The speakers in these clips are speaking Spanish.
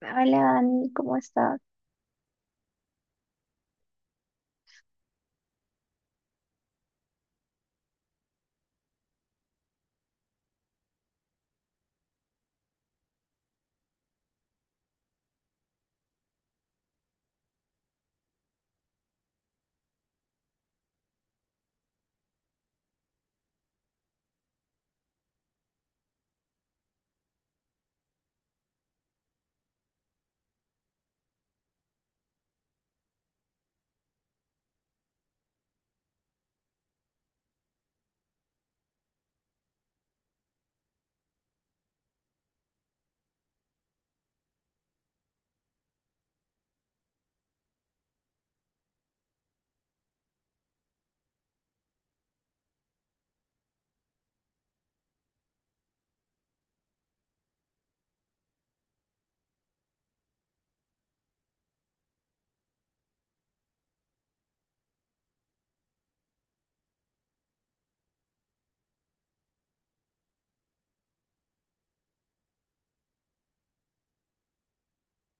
Hola Dani, ¿cómo estás?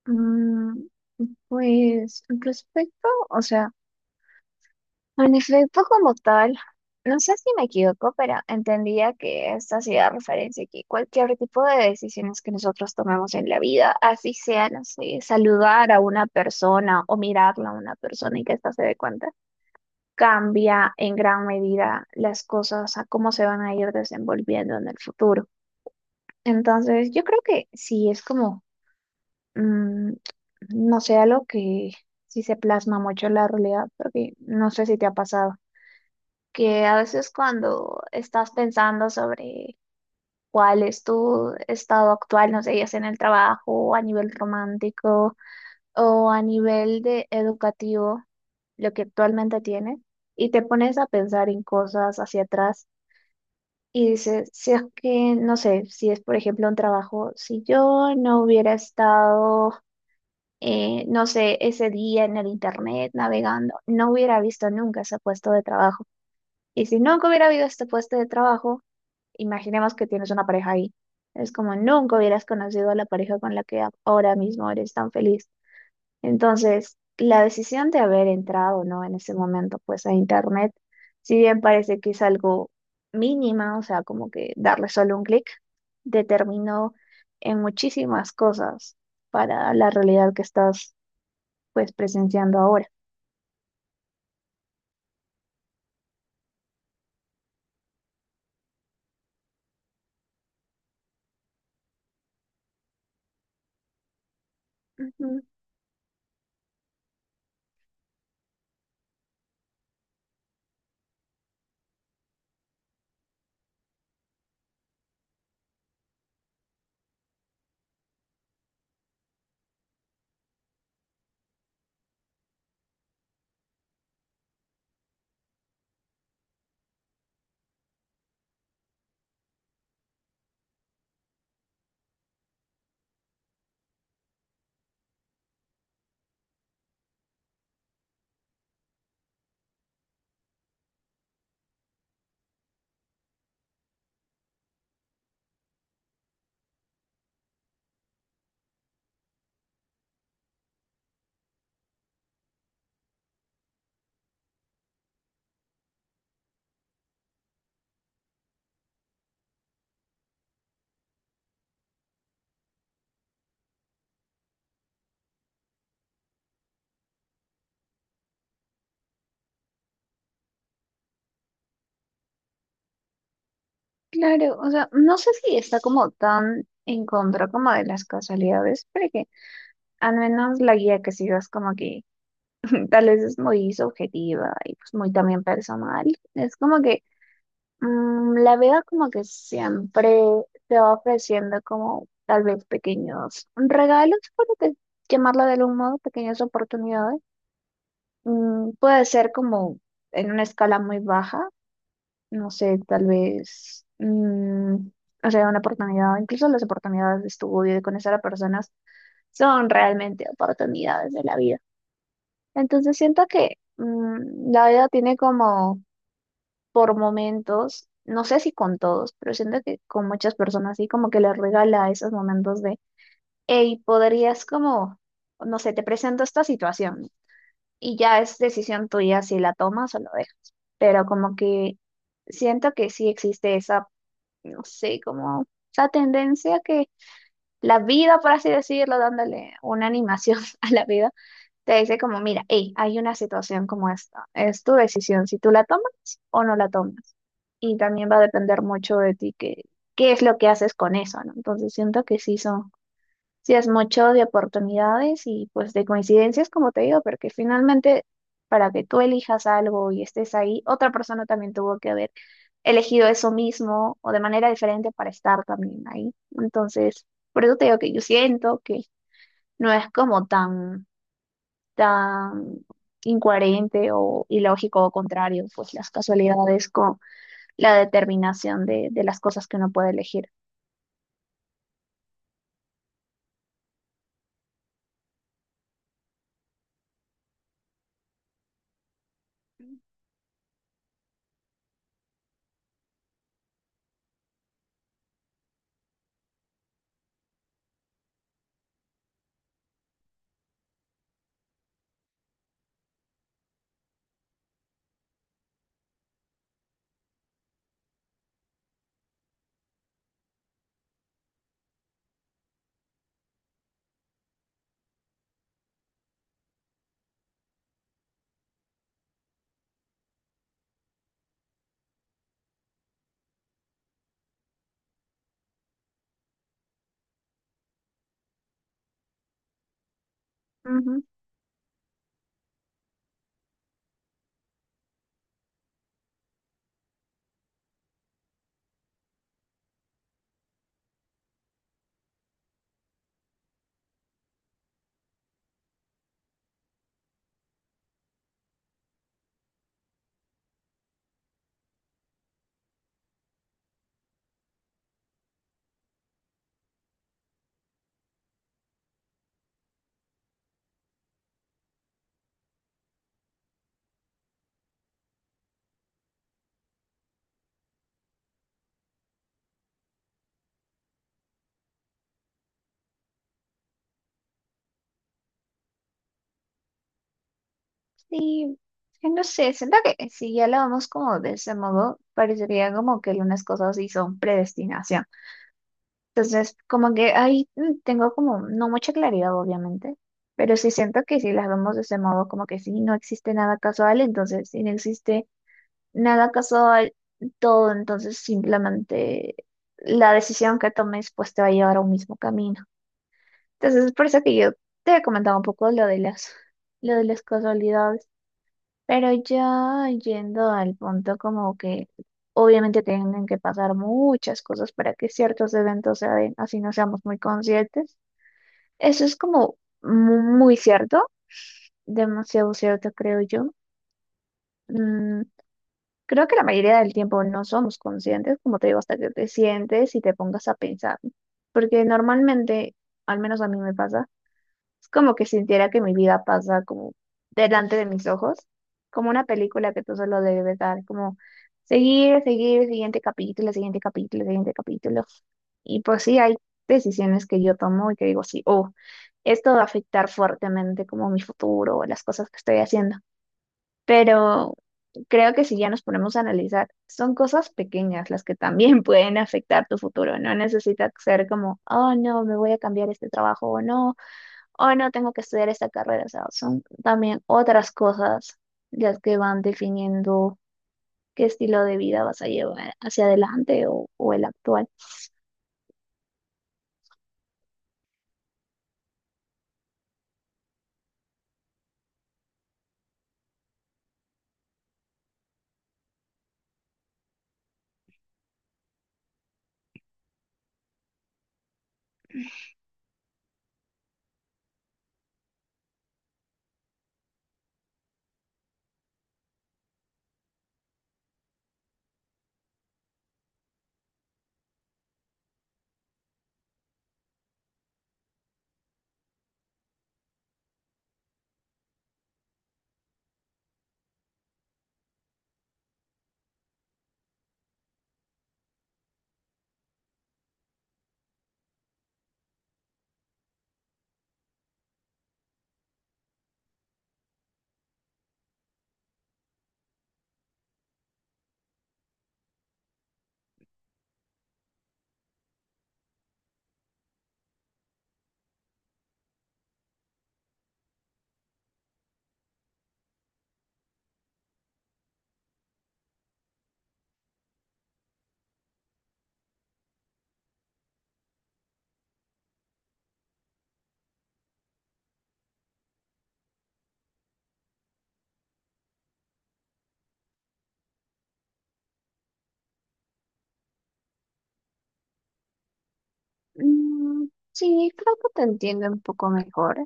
Mm, pues respecto, o sea, en efecto como tal, no sé si me equivoco, pero entendía que esta hacía referencia a que cualquier tipo de decisiones que nosotros tomemos en la vida, así sea, no sé, saludar a una persona o mirarla a una persona y que ésta se dé cuenta, cambia en gran medida las cosas a cómo se van a ir desenvolviendo en el futuro. Entonces, yo creo que sí es como mm, no sé, algo que sí se plasma mucho en la realidad, porque no sé si te ha pasado, que a veces cuando estás pensando sobre cuál es tu estado actual, no sé, ya sea en el trabajo, o a nivel romántico o a nivel de educativo, lo que actualmente tienes, y te pones a pensar en cosas hacia atrás. Y dices, si es que, no sé, si es por ejemplo un trabajo, si yo no hubiera estado no sé, ese día en el internet navegando, no hubiera visto nunca ese puesto de trabajo. Y si nunca hubiera habido este puesto de trabajo, imaginemos que tienes una pareja ahí. Es como nunca hubieras conocido a la pareja con la que ahora mismo eres tan feliz. Entonces, la decisión de haber entrado, ¿no? En ese momento, pues a internet, si bien parece que es algo mínima, o sea, como que darle solo un clic, determinó en muchísimas cosas para la realidad que estás pues presenciando ahora. Ujú. Claro, o sea, no sé si está como tan en contra como de las casualidades, pero que al menos la guía que sigas como que tal vez es muy subjetiva y pues muy también personal. Es como que la vida como que siempre te va ofreciendo como tal vez pequeños regalos, por llamarlo de algún modo, pequeñas oportunidades. Puede ser como en una escala muy baja no sé, tal vez, o sea, una oportunidad, incluso las oportunidades de estudio, de conocer a personas, son realmente oportunidades de la vida. Entonces siento que la vida tiene como por momentos, no sé si con todos, pero siento que con muchas personas sí, como que les regala esos momentos de, hey, podrías como, no sé, te presento esta situación y ya es decisión tuya si la tomas o lo dejas. Pero como que siento que sí existe esa no sé, como esa tendencia que la vida, por así decirlo, dándole una animación a la vida, te dice como, mira, hey, hay una situación como esta, es tu decisión si tú la tomas o no la tomas. Y también va a depender mucho de ti que, qué es lo que haces con eso, ¿no? Entonces siento que sí son, sí es mucho de oportunidades y pues de coincidencias, como te digo, porque finalmente para que tú elijas algo y estés ahí, otra persona también tuvo que haber elegido eso mismo o de manera diferente para estar también ahí. Entonces, por eso te digo que yo siento que no es como tan, tan incoherente o ilógico o contrario, pues las casualidades con la determinación de las cosas que uno puede elegir. Ujú. Sí, no sé, siento que si ya lo vamos como de ese modo, parecería como que algunas cosas sí son predestinación. Entonces, como que ahí tengo como no mucha claridad, obviamente, pero sí siento que si las vemos de ese modo, como que sí, no existe nada casual, entonces si no existe nada casual, todo, entonces simplemente la decisión que tomes pues te va a llevar a un mismo camino. Entonces, es por eso que yo te he comentado un poco lo de las casualidades. Pero ya yendo al punto como que obviamente tienen que pasar muchas cosas para que ciertos eventos se den, así no seamos muy conscientes. Eso es como muy cierto, demasiado cierto creo yo. Mm, creo que la mayoría del tiempo no somos conscientes, como te digo, hasta que te sientes y te pongas a pensar. Porque normalmente, al menos a mí me pasa, es como que sintiera que mi vida pasa como delante de mis ojos, como una película que tú solo debes dar, como seguir, seguir, siguiente capítulo, siguiente capítulo, siguiente capítulo. Y pues sí, hay decisiones que yo tomo y que digo, sí, oh, esto va a afectar fuertemente como mi futuro o las cosas que estoy haciendo. Pero creo que si ya nos ponemos a analizar, son cosas pequeñas las que también pueden afectar tu futuro. No necesita ser como, oh, no, me voy a cambiar este trabajo o no hoy no tengo que estudiar esta carrera, o sea, son también otras cosas las que van definiendo qué estilo de vida vas a llevar hacia adelante o el actual. Sí, creo que te entiendo un poco mejor.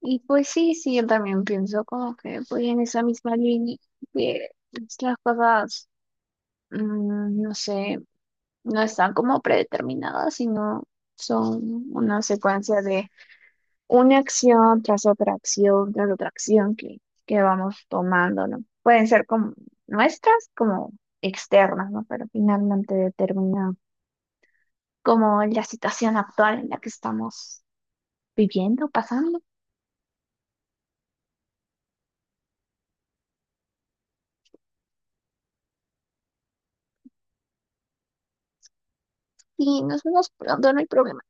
Y pues sí, sí, yo también pienso como que voy en esa misma línea, que pues, las cosas, no sé, no están como predeterminadas, sino son una secuencia de una acción tras otra acción, tras otra acción que, vamos tomando, ¿no? Pueden ser como nuestras, como externas, ¿no? Pero finalmente determina como la situación actual en la que estamos viviendo, pasando, y nos vemos pronto, no hay problema.